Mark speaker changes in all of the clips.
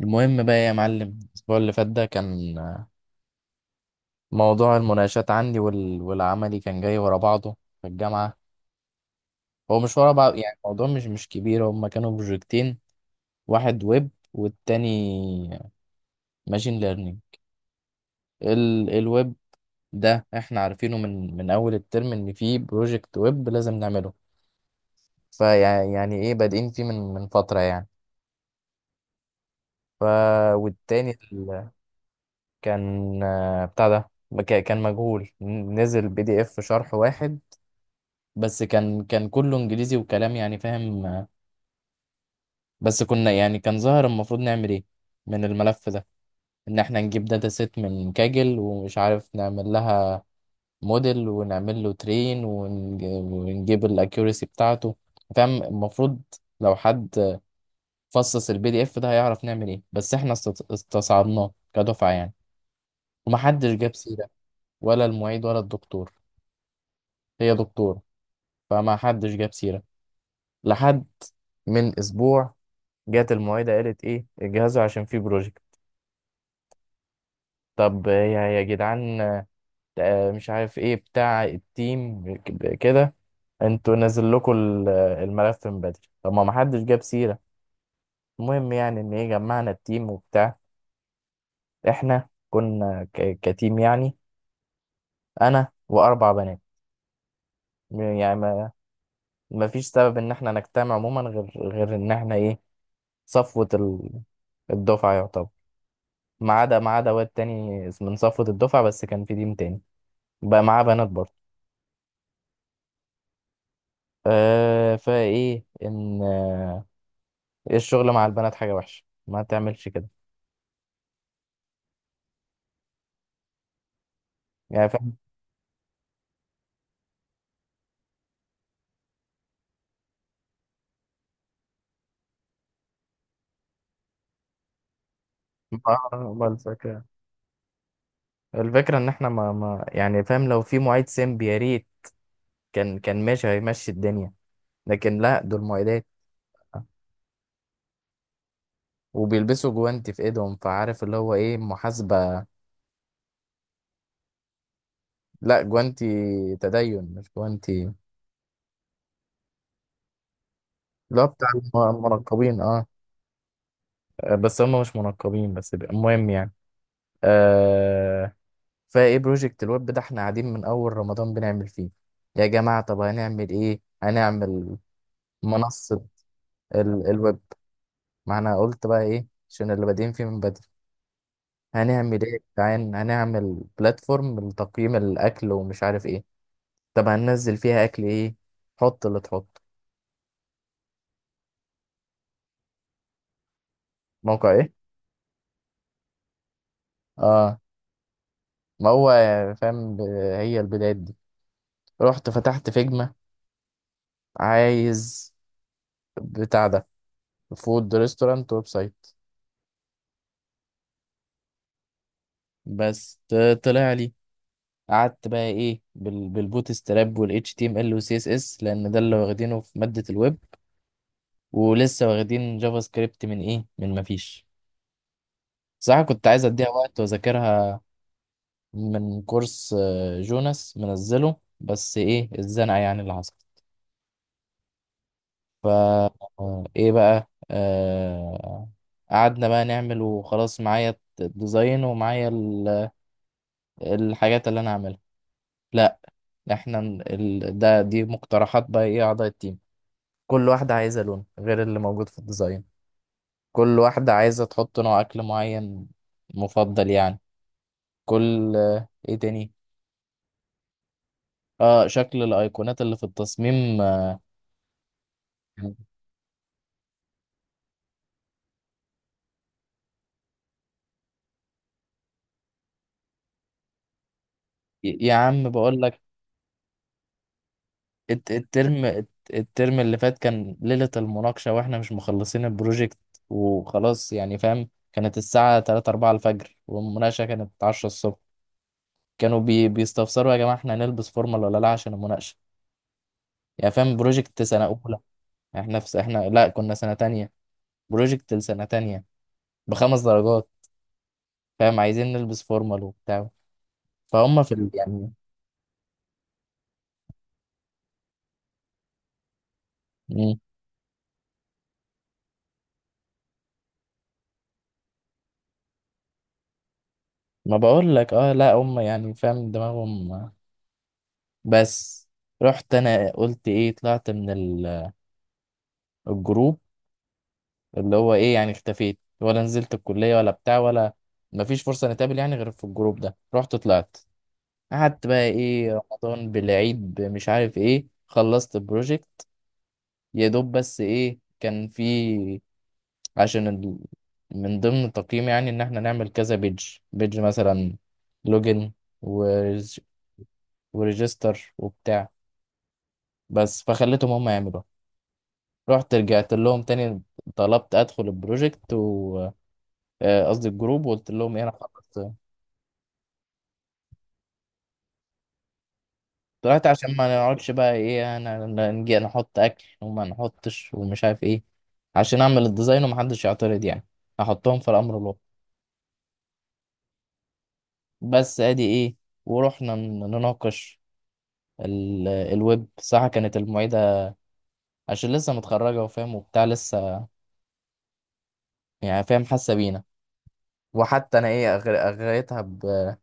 Speaker 1: المهم بقى يا معلم، الأسبوع اللي فات ده كان موضوع المناقشات عندي وال... والعملي كان جاي ورا بعضه في الجامعة. هو مش ورا بعض يعني، الموضوع مش كبير. هما كانوا بروجكتين: واحد ويب والتاني ماشين ليرنينج. الويب ده احنا عارفينه من أول الترم إن فيه بروجكت ويب لازم نعمله، فيعني إيه بادئين فيه من فترة يعني. ف، والتاني كان بتاع ده، كان مجهول، نزل بي دي اف شرح واحد، بس كان كله انجليزي وكلام، يعني فاهم. بس كنا يعني، كان ظاهر المفروض نعمل ايه من الملف ده، ان احنا نجيب داتا سيت من كاجل ومش عارف، نعمل لها موديل ونعمل له ترين ونجيب الاكيوريسي بتاعته. فاهم، المفروض لو حد فصص البي دي اف ده هيعرف نعمل ايه، بس احنا استصعبناه كدفعة يعني. ومحدش جاب سيرة، ولا المعيد ولا الدكتور، هي دكتور. فما حدش جاب سيرة لحد من اسبوع، جت المعيدة قالت ايه، اجهزوا عشان في بروجكت. طب يا جدعان، مش عارف ايه بتاع التيم، كده انتوا نزل لكم الملف من بدري، طب ما محدش جاب سيرة. المهم يعني ان ايه، جمعنا التيم وبتاع. احنا كنا كتيم يعني، انا واربع بنات، يعني ما فيش سبب ان احنا نجتمع عموما غير ان احنا ايه، صفوة الدفعة يعتبر، ما عدا واد تاني من صفوة الدفعة، بس كان في تيم تاني بقى معاه بنات برضه. فايه ان ايه، الشغل مع البنات حاجه وحشه، ما تعملش كده، يعني فاهم. بس كده. الفكره ان احنا ما يعني فاهم، لو في معيد سيمب يا ريت كان ماشي، هيمشي الدنيا، لكن لا، دول معيدات وبيلبسوا جوانتي في ايدهم، فعارف اللي هو ايه، محاسبه. لا جوانتي تدين، مش جوانتي. لا بتاع المنقبين، اه. بس هم مش منقبين، بس المهم يعني. آه فايه، بروجكت الويب ده احنا قاعدين من اول رمضان بنعمل فيه. يا جماعه، طب هنعمل ايه؟ هنعمل منصه. الويب، ما انا قلت بقى ايه، عشان اللي بادئين فيه من بدري. هنعمل ايه يا جدعان؟ هنعمل بلاتفورم لتقييم الاكل ومش عارف ايه. طب هننزل فيها اكل ايه؟ حط اللي تحط. موقع ايه؟ اه. ما هو فاهم، هي البدايات دي. رحت فتحت فيجما، عايز بتاع ده، فود ريستورانت ويب سايت. بس طلع لي. قعدت بقى ايه بالبوت ستراب والاتش تي ام ال والسي اس اس، لان ده اللي واخدينه في ماده الويب، ولسه واخدين جافا سكريبت من ايه، من ما فيش. صراحه كنت عايز اديها وقت واذاكرها من كورس جوناس، منزله، بس ايه الزنقه يعني اللي حصلت. فا ايه بقى قعدنا بقى نعمل وخلاص. معايا الديزاين ومعايا الحاجات اللي انا هعملها. لا احنا ده، دي مقترحات بقى ايه، اعضاء التيم. كل واحدة عايزة لون غير اللي موجود في الديزاين، كل واحدة عايزة تحط نوع أكل معين مفضل يعني. كل إيه تاني، شكل الأيقونات اللي في التصميم، يا عم بقول لك. الترم اللي فات كان ليلة المناقشة وإحنا مش مخلصين البروجكت وخلاص، يعني فاهم. كانت الساعة 3 4 الفجر والمناقشة كانت 10 الصبح. كانوا بيستفسروا، يا جماعة إحنا هنلبس فورمال ولا لا عشان المناقشة، يعني فاهم، بروجكت سنة أولى. احنا في احنا لا، كنا سنة تانية، بروجكت لسنة تانية بخمس درجات، فاهم، عايزين نلبس فورمال وبتاع. فهم في يعني. مم. ما بقول لك، اه لا هم يعني فاهم دماغهم. بس رحت انا قلت ايه، طلعت من الجروب اللي هو ايه، يعني اختفيت، ولا نزلت الكلية، ولا بتاع، ولا مفيش فرصة نتقابل يعني غير في الجروب ده. رحت طلعت. قعدت بقى ايه، رمضان بالعيد مش عارف ايه، خلصت البروجكت يا دوب. بس ايه، كان في عشان من ضمن التقييم يعني، ان احنا نعمل كذا بيج بيج مثلا، لوجن وريج... وريجستر وبتاع، بس فخليتهم هم يعملوا. رحت رجعت لهم تاني، طلبت ادخل البروجكت و قصدي الجروب، وقلت لهم ايه، انا خلصت. طلعت عشان ما نقعدش بقى ايه، أنا نجي نحط اكل وما نحطش ومش عارف ايه، عشان اعمل الديزاين ومحدش يعترض يعني، احطهم في الامر الواقع. بس ادي ايه، ورحنا نناقش الويب. صح، كانت المعيدة عشان لسه متخرجة وفاهم وبتاع، لسه يعني فاهم حاسة بينا. وحتى أنا إيه أغريتها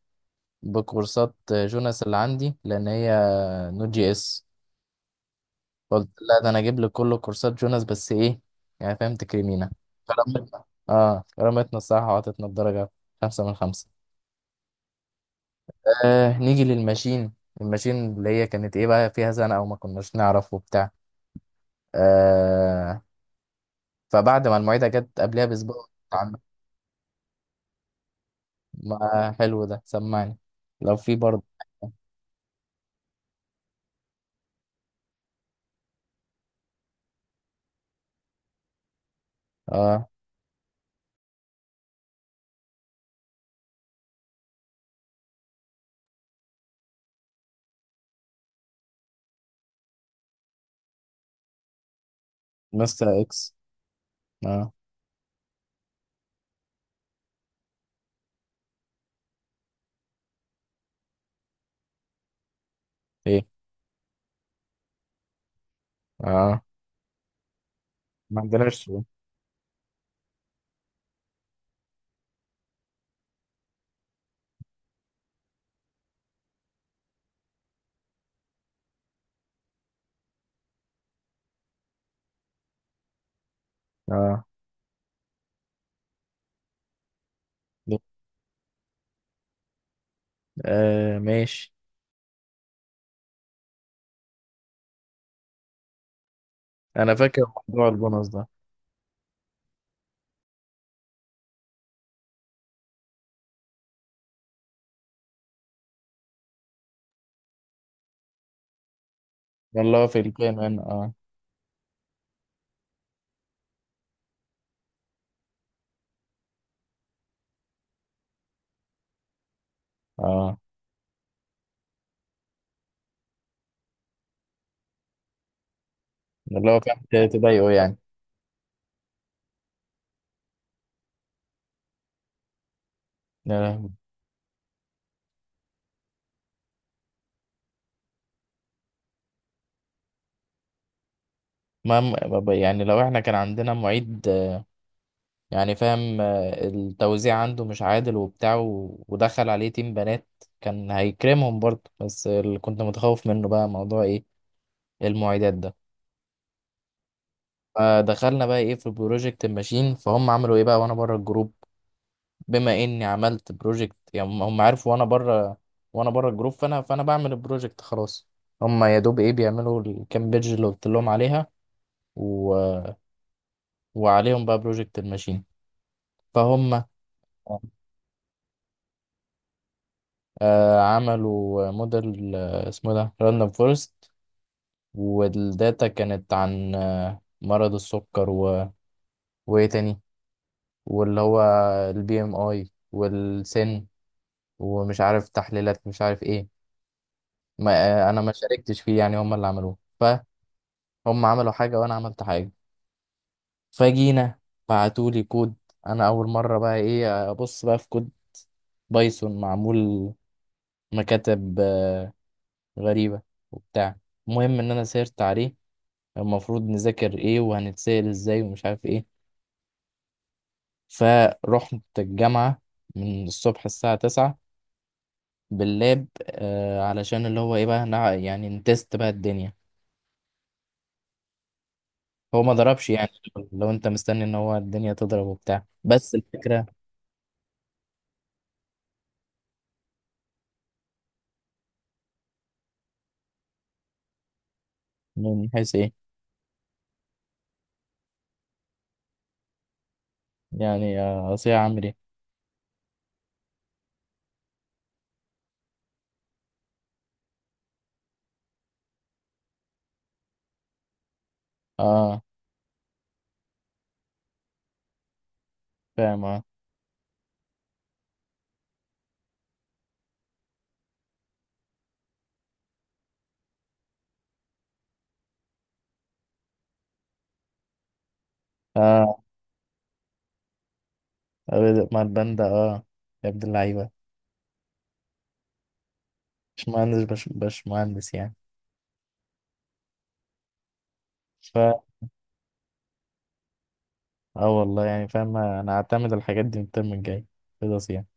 Speaker 1: بكورسات جوناس اللي عندي، لأن هي نوت جي إس. قلت لا، ده أنا أجيب لك كل كورسات جوناس، بس إيه، يعني فاهم تكرمينا. كرمتنا، كرمتنا الصراحة، وعطتنا الدرجة، خمسة من خمسة. نيجي للماشين. الماشين اللي هي كانت إيه بقى، فيها زنقة وما كناش نعرف وبتاع. آه فبعد ما المعيدة جت قبلها بأسبوع، ما حلو ده، سمعني لو في برضه. اه، مستر اكس، اه. ايه؟ اه. ما عندناش سؤال. اه. ليه؟ آه ماشي. انا فاكر موضوع البونص ده. اللي هو في الكيمان، اه. اه، اللي هو كان تضايقه يعني. يا لهوي. يعني لو احنا كان عندنا معيد يعني فاهم، التوزيع عنده مش عادل وبتاع، ودخل عليه تيم بنات، كان هيكرمهم برضه، بس اللي كنت متخوف منه بقى موضوع ايه، المعيدات ده. فدخلنا بقى ايه في بروجكت الماشين، فهم عملوا ايه بقى وانا بره الجروب. بما اني عملت بروجكت يعني، هم عارفوا وانا بره، وانا بره الجروب، فانا بعمل البروجكت خلاص. هم يا دوب ايه، بيعملوا الكام بيدج اللي قلت لهم عليها، و... وعليهم بقى بروجكت الماشين. فهم عملوا موديل، اسمه ده راندوم فورست، والداتا كانت عن مرض السكر و... وايه تاني، واللي هو البي ام اي والسن ومش عارف تحليلات مش عارف ايه. ما انا ما شاركتش فيه يعني، هم اللي عملوه. فهم عملوا حاجه وانا عملت حاجه. فجينا، بعتولي كود، انا اول مره بقى ايه ابص بقى في كود بايثون معمول مكاتب غريبه وبتاع. المهم ان انا سيرت عليه، المفروض نذاكر ايه وهنتسأل ازاي ومش عارف ايه. فرحت الجامعه من الصبح الساعه 9 باللاب، علشان اللي هو ايه بقى، يعني نتست بقى الدنيا. هو ما ضربش يعني، لو انت مستني ان هو الدنيا تضرب وبتاع. بس الفكرة، من حيث ايه؟ يعني اصيع عامل ايه؟ اه فاهم، اه. اه. مع الباندا، اه. يا ابن اللعيبة، مش مهندس، بش, بش مهندس يعني. ف، اه والله يعني فاهم، انا هعتمد الحاجات دي من الترم الجاي خلاص يعني.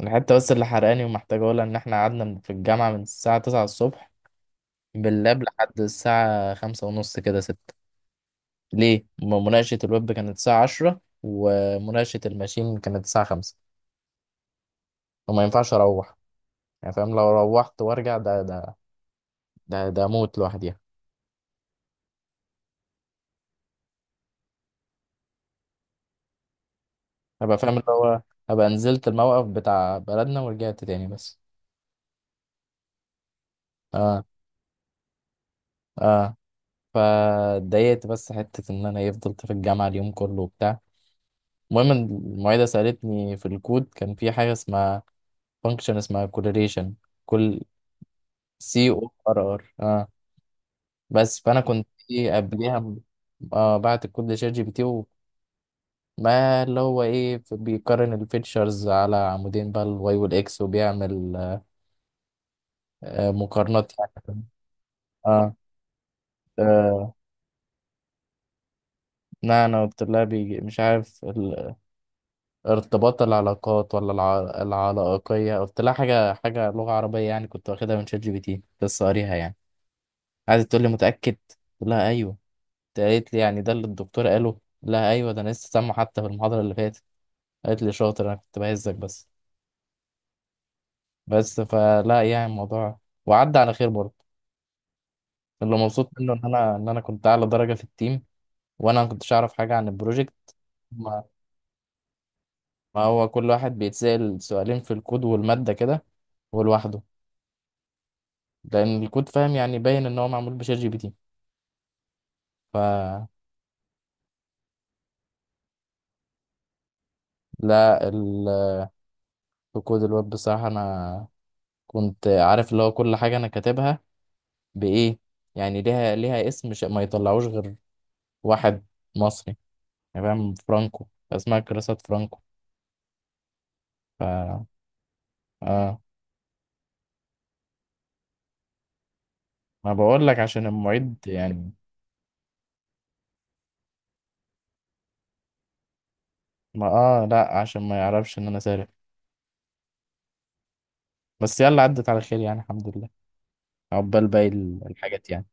Speaker 1: الحتة بس اللي حرقاني ومحتاج اقولها، ان احنا قعدنا في الجامعة من الساعة 9 الصبح باللاب لحد الساعة خمسة ونص كده ستة. ليه؟ مناقشة الويب كانت الساعة عشرة، ومناقشة الماشين كانت الساعة خمسة، وما ينفعش أروح. يعني فاهم، لو روحت وأرجع، ده أموت لوحدي. أبقى فاهم اللي هو، أبقى نزلت الموقف بتاع بلدنا ورجعت تاني بس. اه. اه. فاتضايقت، بس حتة إن أنا إيه، فضلت في الجامعة اليوم كله وبتاع. المهم إن المعيدة سألتني في الكود، كان في حاجة اسمها فانكشن، اسمها كورليشن، كل سي او ار ار بس فانا كنت ايه قبليها آه بعت الكود لشات جي بي تي، وما اللي هو ايه، بيقارن الفيتشرز على عمودين بقى الواي والاكس، وبيعمل مقارنات يعني. اه. آه لا انا قلت لها بيجي مش عارف ارتباط العلاقات، ولا العلاقية، قلت لها حاجة لغة عربية يعني، كنت واخدها من شات جي بي تي لسه قاريها يعني. قعدت تقول لي متأكد؟ قلت لها ايوه. قالت لي يعني ده اللي الدكتور قاله؟ لا ايوه، ده انا لسه سامعه حتى في المحاضرة اللي فاتت. قالت لي شاطر، انا كنت بهزك بس. بس فلا، يعني الموضوع وعدى على خير برضه. اللي مبسوط منه ان انا، كنت اعلى درجه في التيم، وانا ما كنتش اعرف حاجه عن البروجكت. ما, ما هو كل واحد بيتسال سؤالين في الكود والماده كده، ولوحده، لان الكود فاهم يعني باين ان هو معمول بشات جي بي تي. فلا، ال- في كود الويب بصراحه انا كنت عارف اللي هو كل حاجه انا كاتبها بايه، يعني ليها اسم، ما يطلعوش غير واحد مصري يعني فاهم، فرانكو، اسمها كراسات فرانكو. ف اه، ما بقول لك عشان المعيد يعني. ما اه، لا عشان ما يعرفش ان انا سارق. بس يلا، عدت على خير يعني، الحمد لله، عقبال باقي الحاجات يعني